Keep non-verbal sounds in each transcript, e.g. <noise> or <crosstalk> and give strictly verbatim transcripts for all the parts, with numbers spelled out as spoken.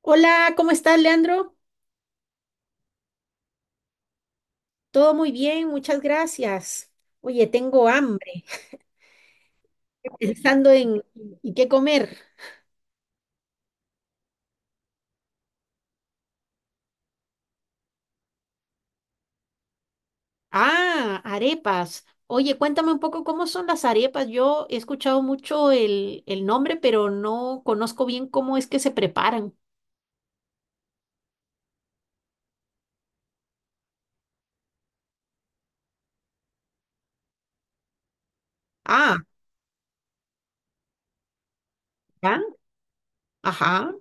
Hola, ¿cómo estás, Leandro? Todo muy bien, muchas gracias. Oye, tengo hambre, <laughs> pensando en ¿y qué comer? Ah, arepas. Oye, cuéntame un poco cómo son las arepas. Yo he escuchado mucho el, el nombre, pero no conozco bien cómo es que se preparan. Ah, ¿ya? Ajá,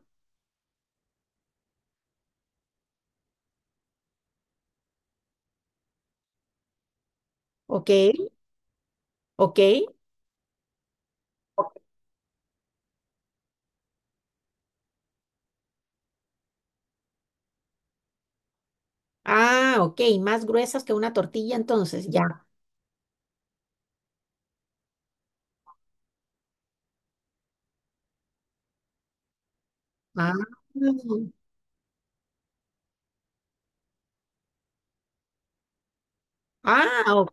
ok, ok. Ah, ok, más gruesas que una tortilla entonces, ya. Ah, ah,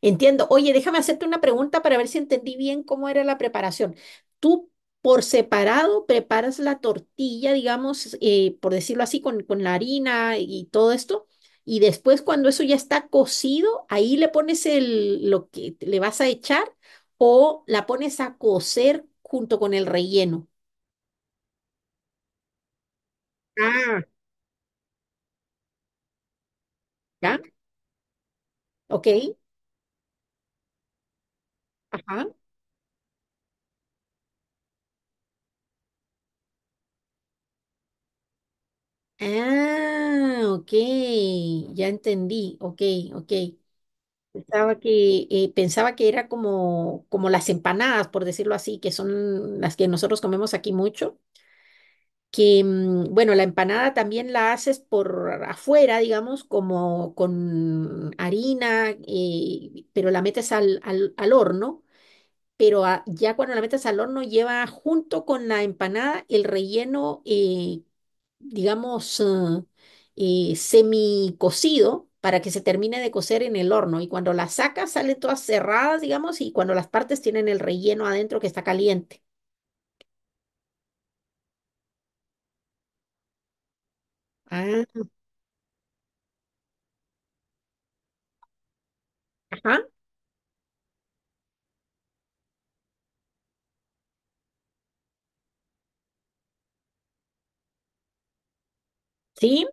entiendo. Oye, déjame hacerte una pregunta para ver si entendí bien cómo era la preparación. Tú por separado preparas la tortilla, digamos, eh, por decirlo así, con, con la harina y todo esto. Y después cuando eso ya está cocido, ahí le pones el, lo que le vas a echar o la pones a cocer junto con el relleno. Ah, ¿ya? ¿Ok? Ajá. Ah, ok. Ya entendí. Ok, ok. Pensaba que, eh, pensaba que era como, como las empanadas, por decirlo así, que son las que nosotros comemos aquí mucho. Que, mm, bueno, la empanada también la haces por afuera, digamos, como con harina, eh, pero la metes al, al, al horno. Pero a- ya cuando la metes al horno lleva junto con la empanada el relleno, eh, digamos, eh, eh, semi para que se termine de cocer en el horno. Y cuando las sacas, salen todas cerradas, digamos, y cuando las partes tienen el relleno adentro que está caliente. Ah, ajá, sí,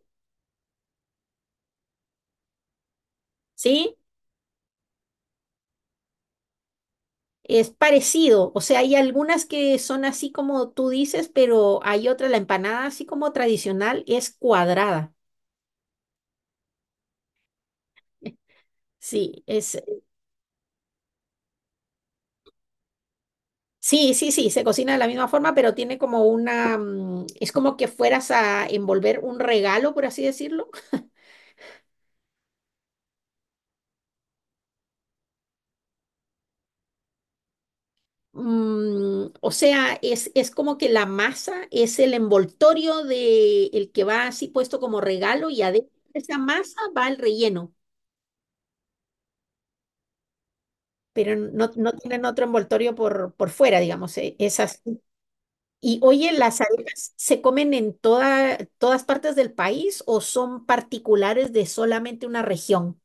sí, es parecido. O sea, hay algunas que son así como tú dices, pero hay otra, la empanada, así como tradicional, es cuadrada. <laughs> Sí, es, sí, sí, sí, se cocina de la misma forma, pero tiene como una, mm, es como que fueras a envolver un regalo, por así decirlo. Mm, o sea, es, es como que la masa es el envoltorio de el que va así puesto como regalo y adentro de esa masa va el relleno, pero no, no tienen otro envoltorio por, por fuera, digamos, e- es así. Y oye, ¿las arepas se comen en toda, todas partes del país o son particulares de solamente una región?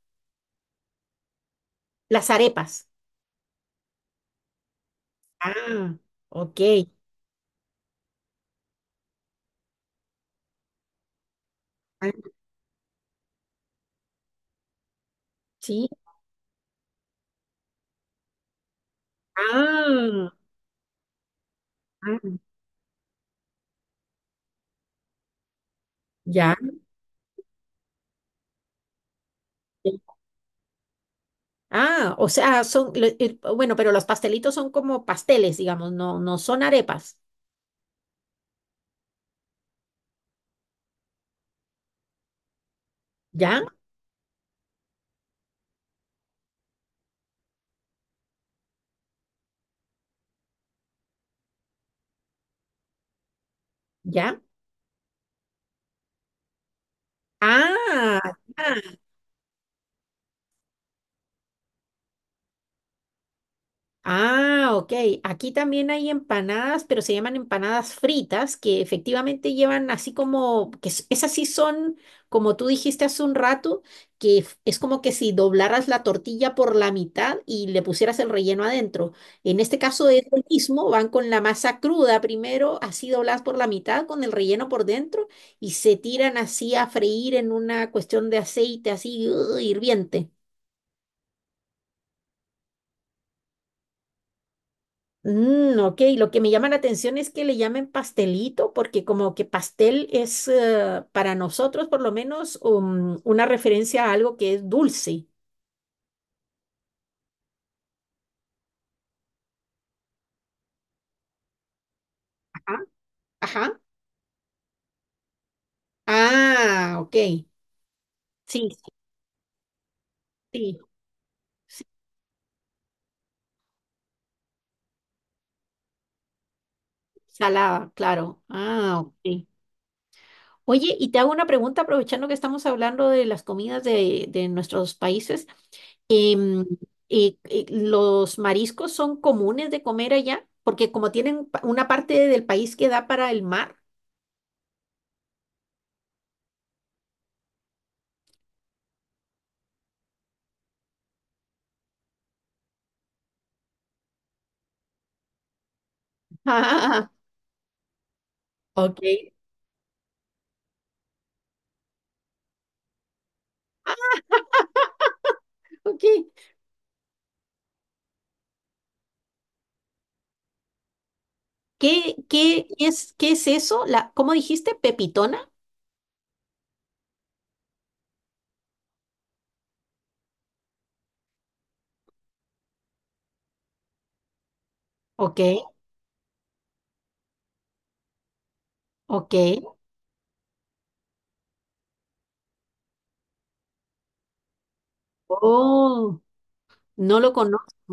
Las arepas. Ah, ok. Ah, sí. Ah, ah, ya. Ah, o sea, son, lo- eh, bueno, pero los pastelitos son como pasteles, digamos, no, no son arepas. ¿Ya? ¿Ya? Ah, ya. Ah, ok. Aquí también hay empanadas, pero se llaman empanadas fritas, que efectivamente llevan así como, que es- esas sí son, como tú dijiste hace un rato, que f- es como que si doblaras la tortilla por la mitad y le pusieras el relleno adentro. En este caso es lo mismo, van con la masa cruda primero, así dobladas por la mitad, con el relleno por dentro, y se tiran así a freír en una cuestión de aceite así, ¡ugh! Hirviente. Mm, ok, lo que me llama la atención es que le llamen pastelito, porque como que pastel es eh, para nosotros por lo menos um, una referencia a algo que es dulce. Ajá. Ajá. Ah, ok. Sí, sí, sí. Salada, claro. Ah, ok. Oye, y te hago una pregunta aprovechando que estamos hablando de las comidas de, de nuestros países. Em, eh, eh, ¿los mariscos son comunes de comer allá? Porque como tienen pa- una parte del país que da para el mar. <laughs> Ah, ok, ok. ¿Qué, qué es, qué es eso? La, ¿cómo dijiste? ¿Pepitona? Ok, ok. Oh, no lo conozco.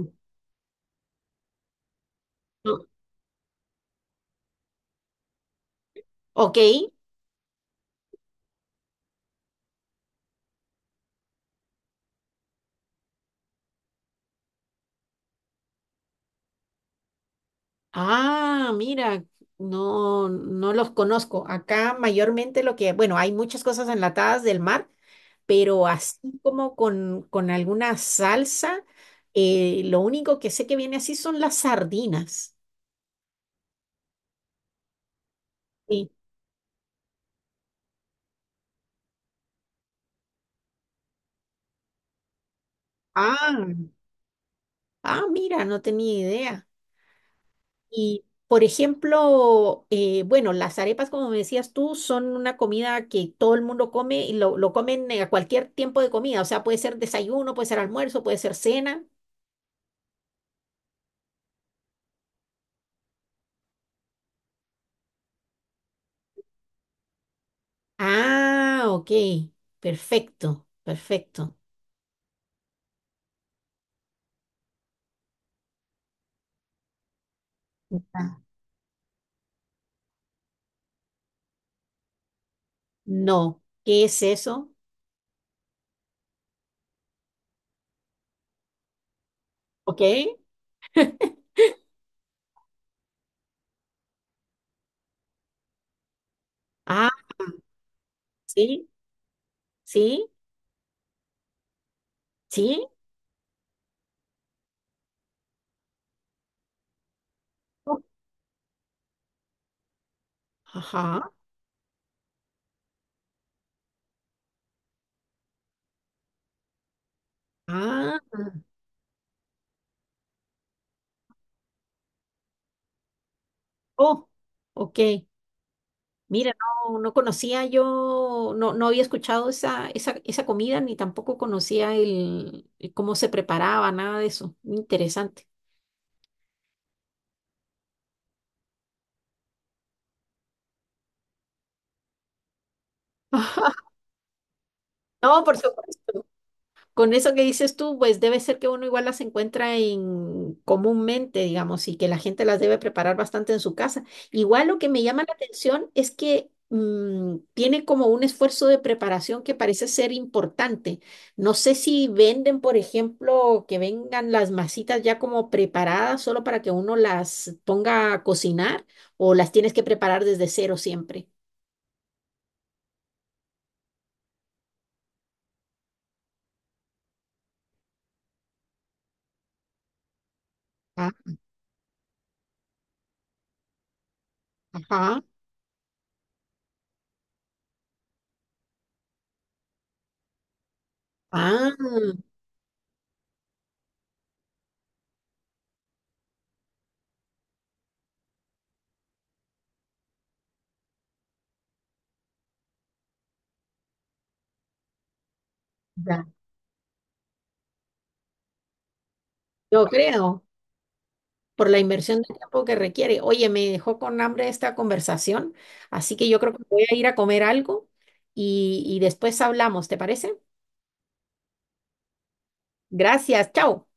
No, ok. Ah, mira, no, no los conozco. Acá mayormente lo que, bueno, hay muchas cosas enlatadas del mar, pero así como con, con alguna salsa, eh, lo único que sé que viene así son las sardinas. Sí. Ah, ah, mira, no tenía idea. Y, por ejemplo, eh, bueno, las arepas, como me decías tú, son una comida que todo el mundo come y lo, lo comen eh, a cualquier tiempo de comida. O sea, puede ser desayuno, puede ser almuerzo, puede ser cena. Ah, ok. Perfecto, perfecto. Ah, no. ¿Qué es eso? Ok. Ah, sí, sí, sí. Oh, ajá. Ah, oh, ok. Mira, no, no conocía yo, no, no había escuchado esa, esa, esa comida ni tampoco conocía el, el cómo se preparaba, nada de eso. Interesante. <laughs> No, por supuesto. Con eso que dices tú, pues debe ser que uno igual las encuentra en comúnmente, digamos, y que la gente las debe preparar bastante en su casa. Igual lo que me llama la atención es que mm, tiene como un esfuerzo de preparación que parece ser importante. No sé si venden, por ejemplo, que vengan las masitas ya como preparadas solo para que uno las ponga a cocinar o las tienes que preparar desde cero siempre. Ah, ajá. Ah, ya. Yo creo. Por la inversión de tiempo que requiere. Oye, me dejó con hambre esta conversación, así que yo creo que voy a ir a comer algo y, y después hablamos, ¿te parece? Gracias, chao.